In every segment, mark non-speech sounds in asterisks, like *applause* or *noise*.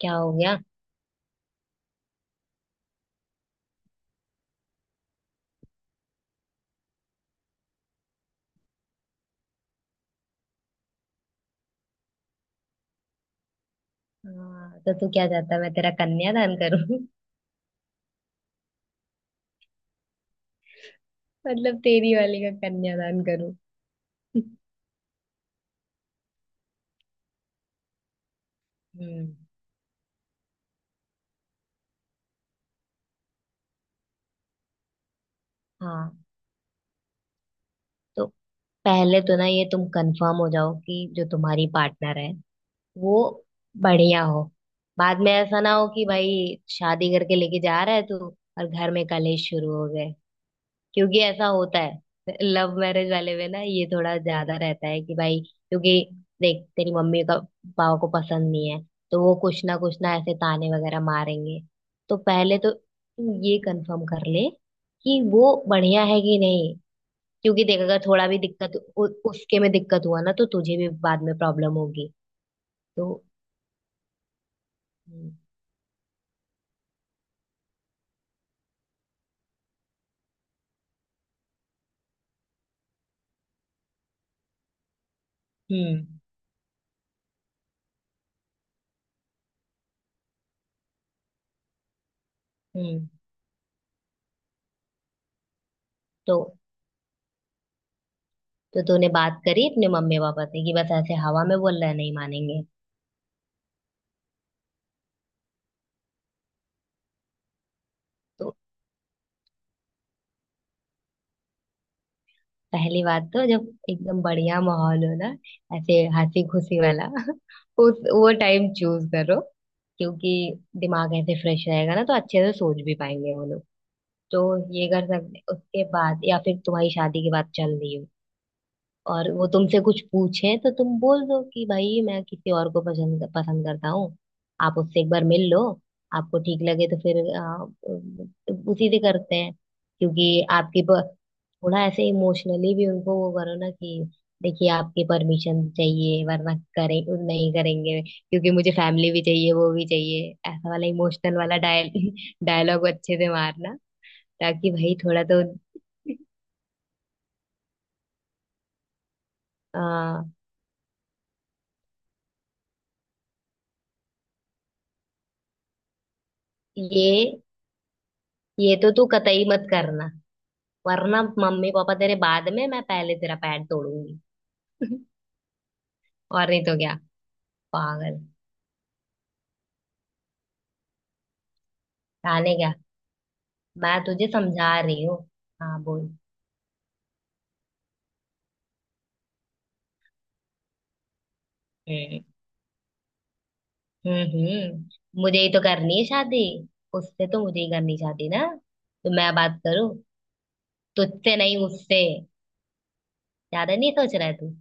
क्या हो गया। हाँ, तो तू क्या चाहता है, मैं तेरा कन्यादान करूं? *laughs* मतलब तेरी वाली का कन्यादान करूं? *laughs* हम्म। हाँ, तो पहले तो ना ये तुम कंफर्म हो जाओ कि जो तुम्हारी पार्टनर है वो बढ़िया हो। बाद में ऐसा ना हो कि भाई, शादी करके लेके जा रहा है तू और घर में कलेश शुरू हो गए। क्योंकि ऐसा होता है, लव मैरिज वाले में ना ये थोड़ा ज्यादा रहता है कि भाई, क्योंकि देख तेरी मम्मी का पापा को पसंद नहीं है तो वो कुछ ना ऐसे ताने वगैरह मारेंगे। तो पहले तो तू ये कंफर्म कर ले कि वो बढ़िया है कि नहीं। क्योंकि देख, अगर थोड़ा भी दिक्कत, उसके में दिक्कत हुआ ना तो तुझे भी बाद में प्रॉब्लम होगी। तो हम्म हम्म। तो तो तूने बात करी अपने मम्मी पापा से कि बस ऐसे हवा में बोल रहा है, नहीं मानेंगे? तो पहली बात, तो जब एकदम बढ़िया माहौल हो ना, ऐसे हंसी खुशी वाला *laughs* उस वो टाइम चूज करो। क्योंकि दिमाग ऐसे फ्रेश रहेगा ना तो अच्छे से सोच भी पाएंगे वो लोग। तो ये कर सकते उसके बाद, या फिर तुम्हारी शादी के बाद चल रही हो और वो तुमसे कुछ पूछे तो तुम बोल दो कि भाई, मैं किसी और को पसंद पसंद करता हूँ, आप उससे एक बार मिल लो, आपको ठीक लगे तो फिर उसी से करते हैं। क्योंकि आपकी थोड़ा ऐसे इमोशनली भी उनको वो करो ना कि देखिए, आपकी परमिशन चाहिए वरना करें नहीं, करेंगे क्योंकि मुझे फैमिली भी चाहिए वो भी चाहिए, ऐसा वाला इमोशनल वाला डायलॉग *laughs* अच्छे से मारना, ताकि भाई थोड़ा तो। आ, ये ये तो तू कतई मत करना, वरना मम्मी पापा तेरे बाद में मैं पहले तेरा पैर तोड़ूंगी। और नहीं तो क्या, पागल। जाने क्या, मैं तुझे समझा रही हूँ। हाँ बोल। हम्म मुझे ही तो करनी है शादी। उससे तो मुझे ही करनी शादी ना, तो मैं बात करूँ तुझसे? नहीं, उससे। ज्यादा नहीं सोच रहा है तू?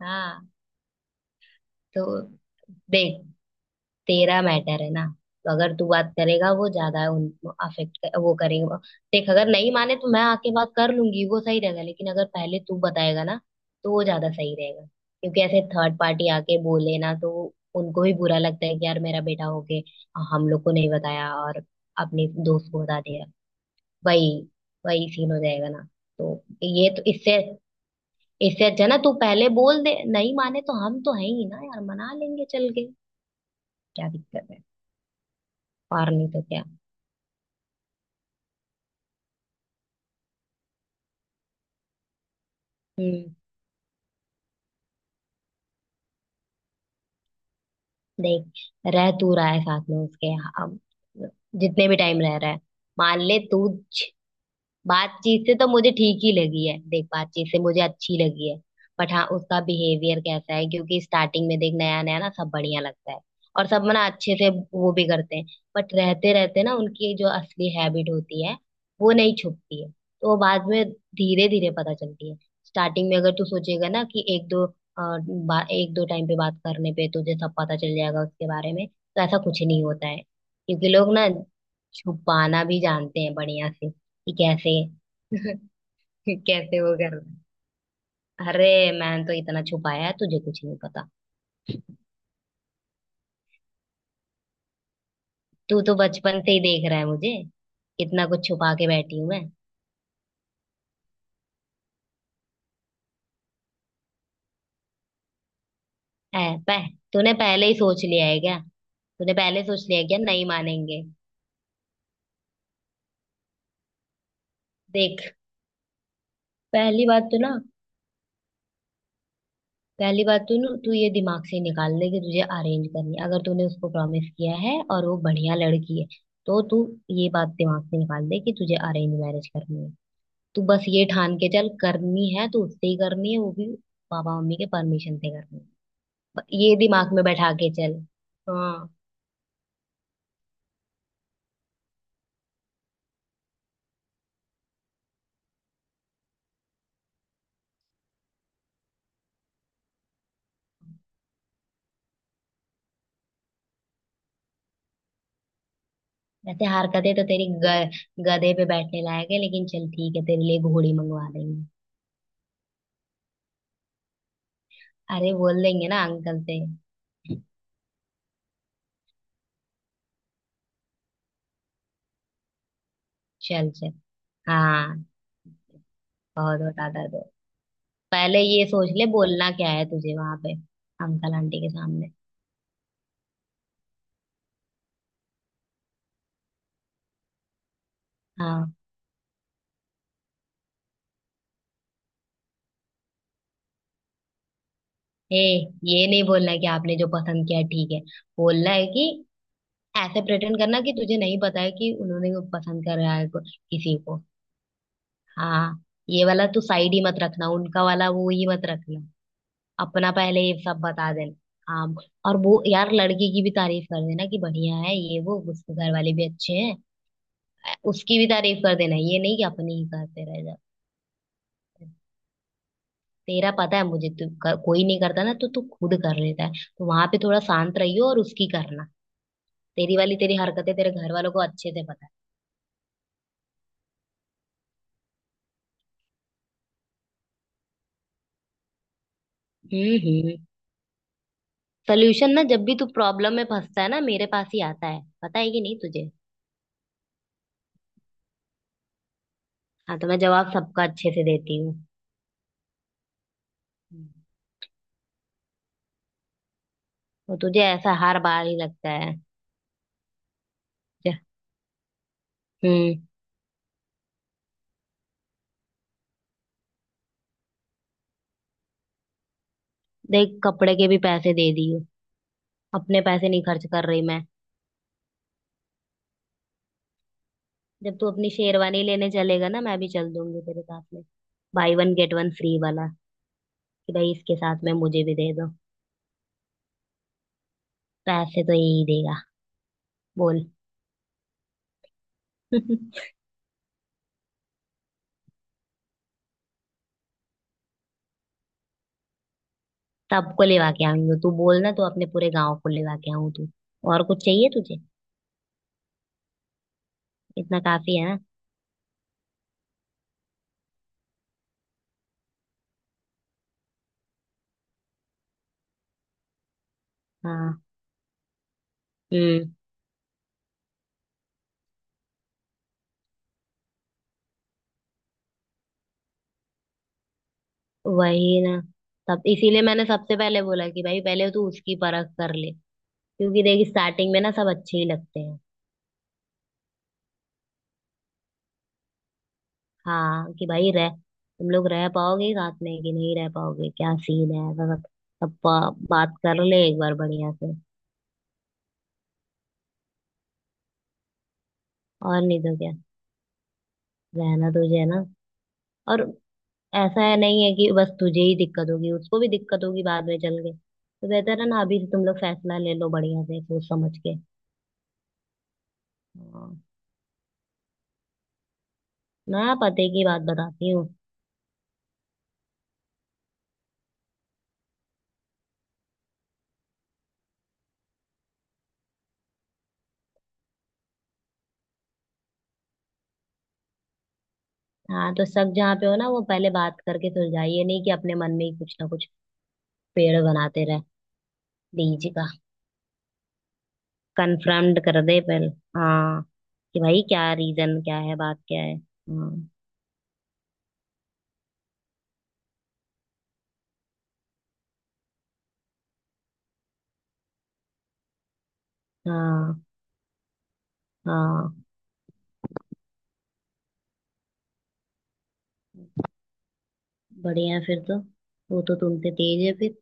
हाँ। तो देख, तेरा मैटर है ना, तो अगर तू बात करेगा वो ज्यादा उन अफेक्ट वो करेगा। देख, अगर नहीं माने तो मैं आके बात कर लूंगी, वो सही रहेगा। लेकिन अगर पहले तू बताएगा ना तो वो ज्यादा सही रहेगा। क्योंकि ऐसे थर्ड पार्टी आके बोले ना तो उनको भी बुरा लगता है कि यार मेरा बेटा होके हम लोग को नहीं बताया और अपने दोस्त को बता दिया। वही वही सीन हो जाएगा ना। तो ये तो इससे इससे अच्छा ना तू पहले बोल दे, नहीं माने तो हम तो है ही ना यार, मना लेंगे चल के। क्या दिक्कत है? और नहीं तो क्या। हम्म। देख, रह तू रहा है साथ में उसके, अब जितने भी टाइम रह रहा है मान ले तू, बातचीत से तो मुझे ठीक ही लगी है। देख, बातचीत से मुझे अच्छी लगी है, बट हाँ उसका बिहेवियर कैसा है, क्योंकि स्टार्टिंग में देख नया नया ना सब बढ़िया लगता है, और सब ना अच्छे से वो भी करते हैं। बट रहते रहते ना उनकी जो असली हैबिट होती है वो नहीं छुपती है, तो वो बाद में धीरे धीरे पता चलती है। स्टार्टिंग में अगर तू सोचेगा ना कि एक दो एक दो टाइम पे बात करने पे तुझे सब पता चल जाएगा उसके बारे में, तो ऐसा कुछ नहीं होता है। क्योंकि लोग ना छुपाना भी जानते हैं बढ़िया से, कि कैसे *laughs* कैसे वो करना। अरे, मैंने तो इतना छुपाया है, तुझे कुछ नहीं पता। तू तो बचपन से ही देख रहा है मुझे, कितना कुछ छुपा के बैठी हूं मैं। ऐ पह तूने पहले ही सोच लिया है क्या? तूने पहले सोच लिया है क्या, नहीं मानेंगे? देख, पहली बात तो ना, पहली बात तो ना तू ये दिमाग से निकाल ले कि तुझे अरेंज करनी है। अगर तूने उसको प्रॉमिस किया है और वो बढ़िया लड़की है, तो तू ये बात दिमाग से निकाल दे कि तुझे अरेंज मैरिज करनी है। तू बस ये ठान के चल, करनी है तो उससे ही करनी है, वो भी पापा मम्मी के परमिशन से करनी है। ये दिमाग में बैठा के चल। हाँ। वैसे हरकतें तो तेरी गधे पे बैठने लायक है, लेकिन चल ठीक है, तेरे लिए घोड़ी मंगवा देंगे। अरे बोल देंगे ना अंकल से। चल चल। हाँ। बहुत बता दर्द हो। पहले ये सोच ले बोलना क्या है तुझे वहां पे, अंकल आंटी के सामने। हाँ। ए, ये नहीं बोलना कि आपने जो पसंद किया ठीक है। बोलना है कि ऐसे प्रेटेंड करना कि तुझे नहीं पता है कि उन्होंने वो पसंद कर रहा है किसी को। हाँ। ये वाला तू साइड ही मत रखना, उनका वाला वो ही मत रखना। अपना पहले ये सब बता देना। हाँ। और वो यार लड़की की भी तारीफ कर देना कि बढ़िया है ये वो, उसके घर वाले भी अच्छे हैं। उसकी भी तारीफ कर देना, ये नहीं कि अपनी ही करते रह जा। तेरा पता है मुझे, कोई नहीं करता ना तो तू खुद कर लेता है। तो वहां पे थोड़ा शांत रहियो और उसकी करना। तेरी वाली, तेरी हरकतें तेरे घर वालों को अच्छे से पता है। हम्म। सोल्यूशन ना, जब भी तू प्रॉब्लम में फंसता है ना मेरे पास ही आता है, पता है कि नहीं तुझे? हाँ, तो मैं जवाब सबका अच्छे से देती हूँ। हम्म। तो तुझे ऐसा हर बार ही लगता है। जे- हम्म। देख, कपड़े के भी पैसे दे दियो, अपने पैसे नहीं खर्च कर रही मैं। जब तू अपनी शेरवानी लेने चलेगा ना, मैं भी चल दूंगी तेरे साथ में, buy one get one free वाला, कि भाई इसके साथ में मुझे भी दे दो। पैसे तो यही देगा। बोल। *laughs* सबको लेवा के आऊंगी, तू बोल ना तो अपने पूरे गांव को लेवा के आऊं तू। और कुछ चाहिए तुझे? इतना काफी है ना। हाँ। हम्म। वही ना, तब इसीलिए मैंने सबसे पहले बोला कि भाई पहले तू उसकी परख कर ले, क्योंकि देखी स्टार्टिंग में ना सब अच्छे ही लगते हैं। हाँ, कि भाई रह, तुम लोग रह पाओगे साथ में कि नहीं रह पाओगे, क्या सीन है ऐसा सब, बात कर ले एक बार बढ़िया से। और नहीं तो क्या। रहना तुझे है ना। और ऐसा है नहीं है कि बस तुझे ही दिक्कत होगी, उसको भी दिक्कत होगी बाद में चल के, तो बेहतर है ना अभी से तुम लोग फैसला ले लो बढ़िया से सोच समझ के। हाँ। मैं पते की बात बताती हूँ। हाँ, तो सब जहाँ पे हो ना वो पहले बात करके सुलझाइए, ये नहीं कि अपने मन में ही कुछ ना कुछ पेड़ बनाते रह बीज का। कन्फ्रम्ड कर दे पहले। हाँ, कि भाई क्या रीजन क्या है, बात क्या है। हाँ। हाँ। हाँ, बढ़िया है फिर तो। वो तो तुमसे तेज है फिर।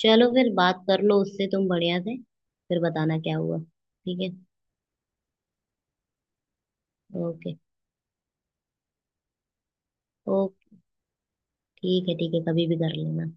चलो फिर बात कर लो उससे तुम बढ़िया से, फिर बताना क्या हुआ, ठीक है? Okay okay. ठीक है ठीक है, कभी भी कर लेना।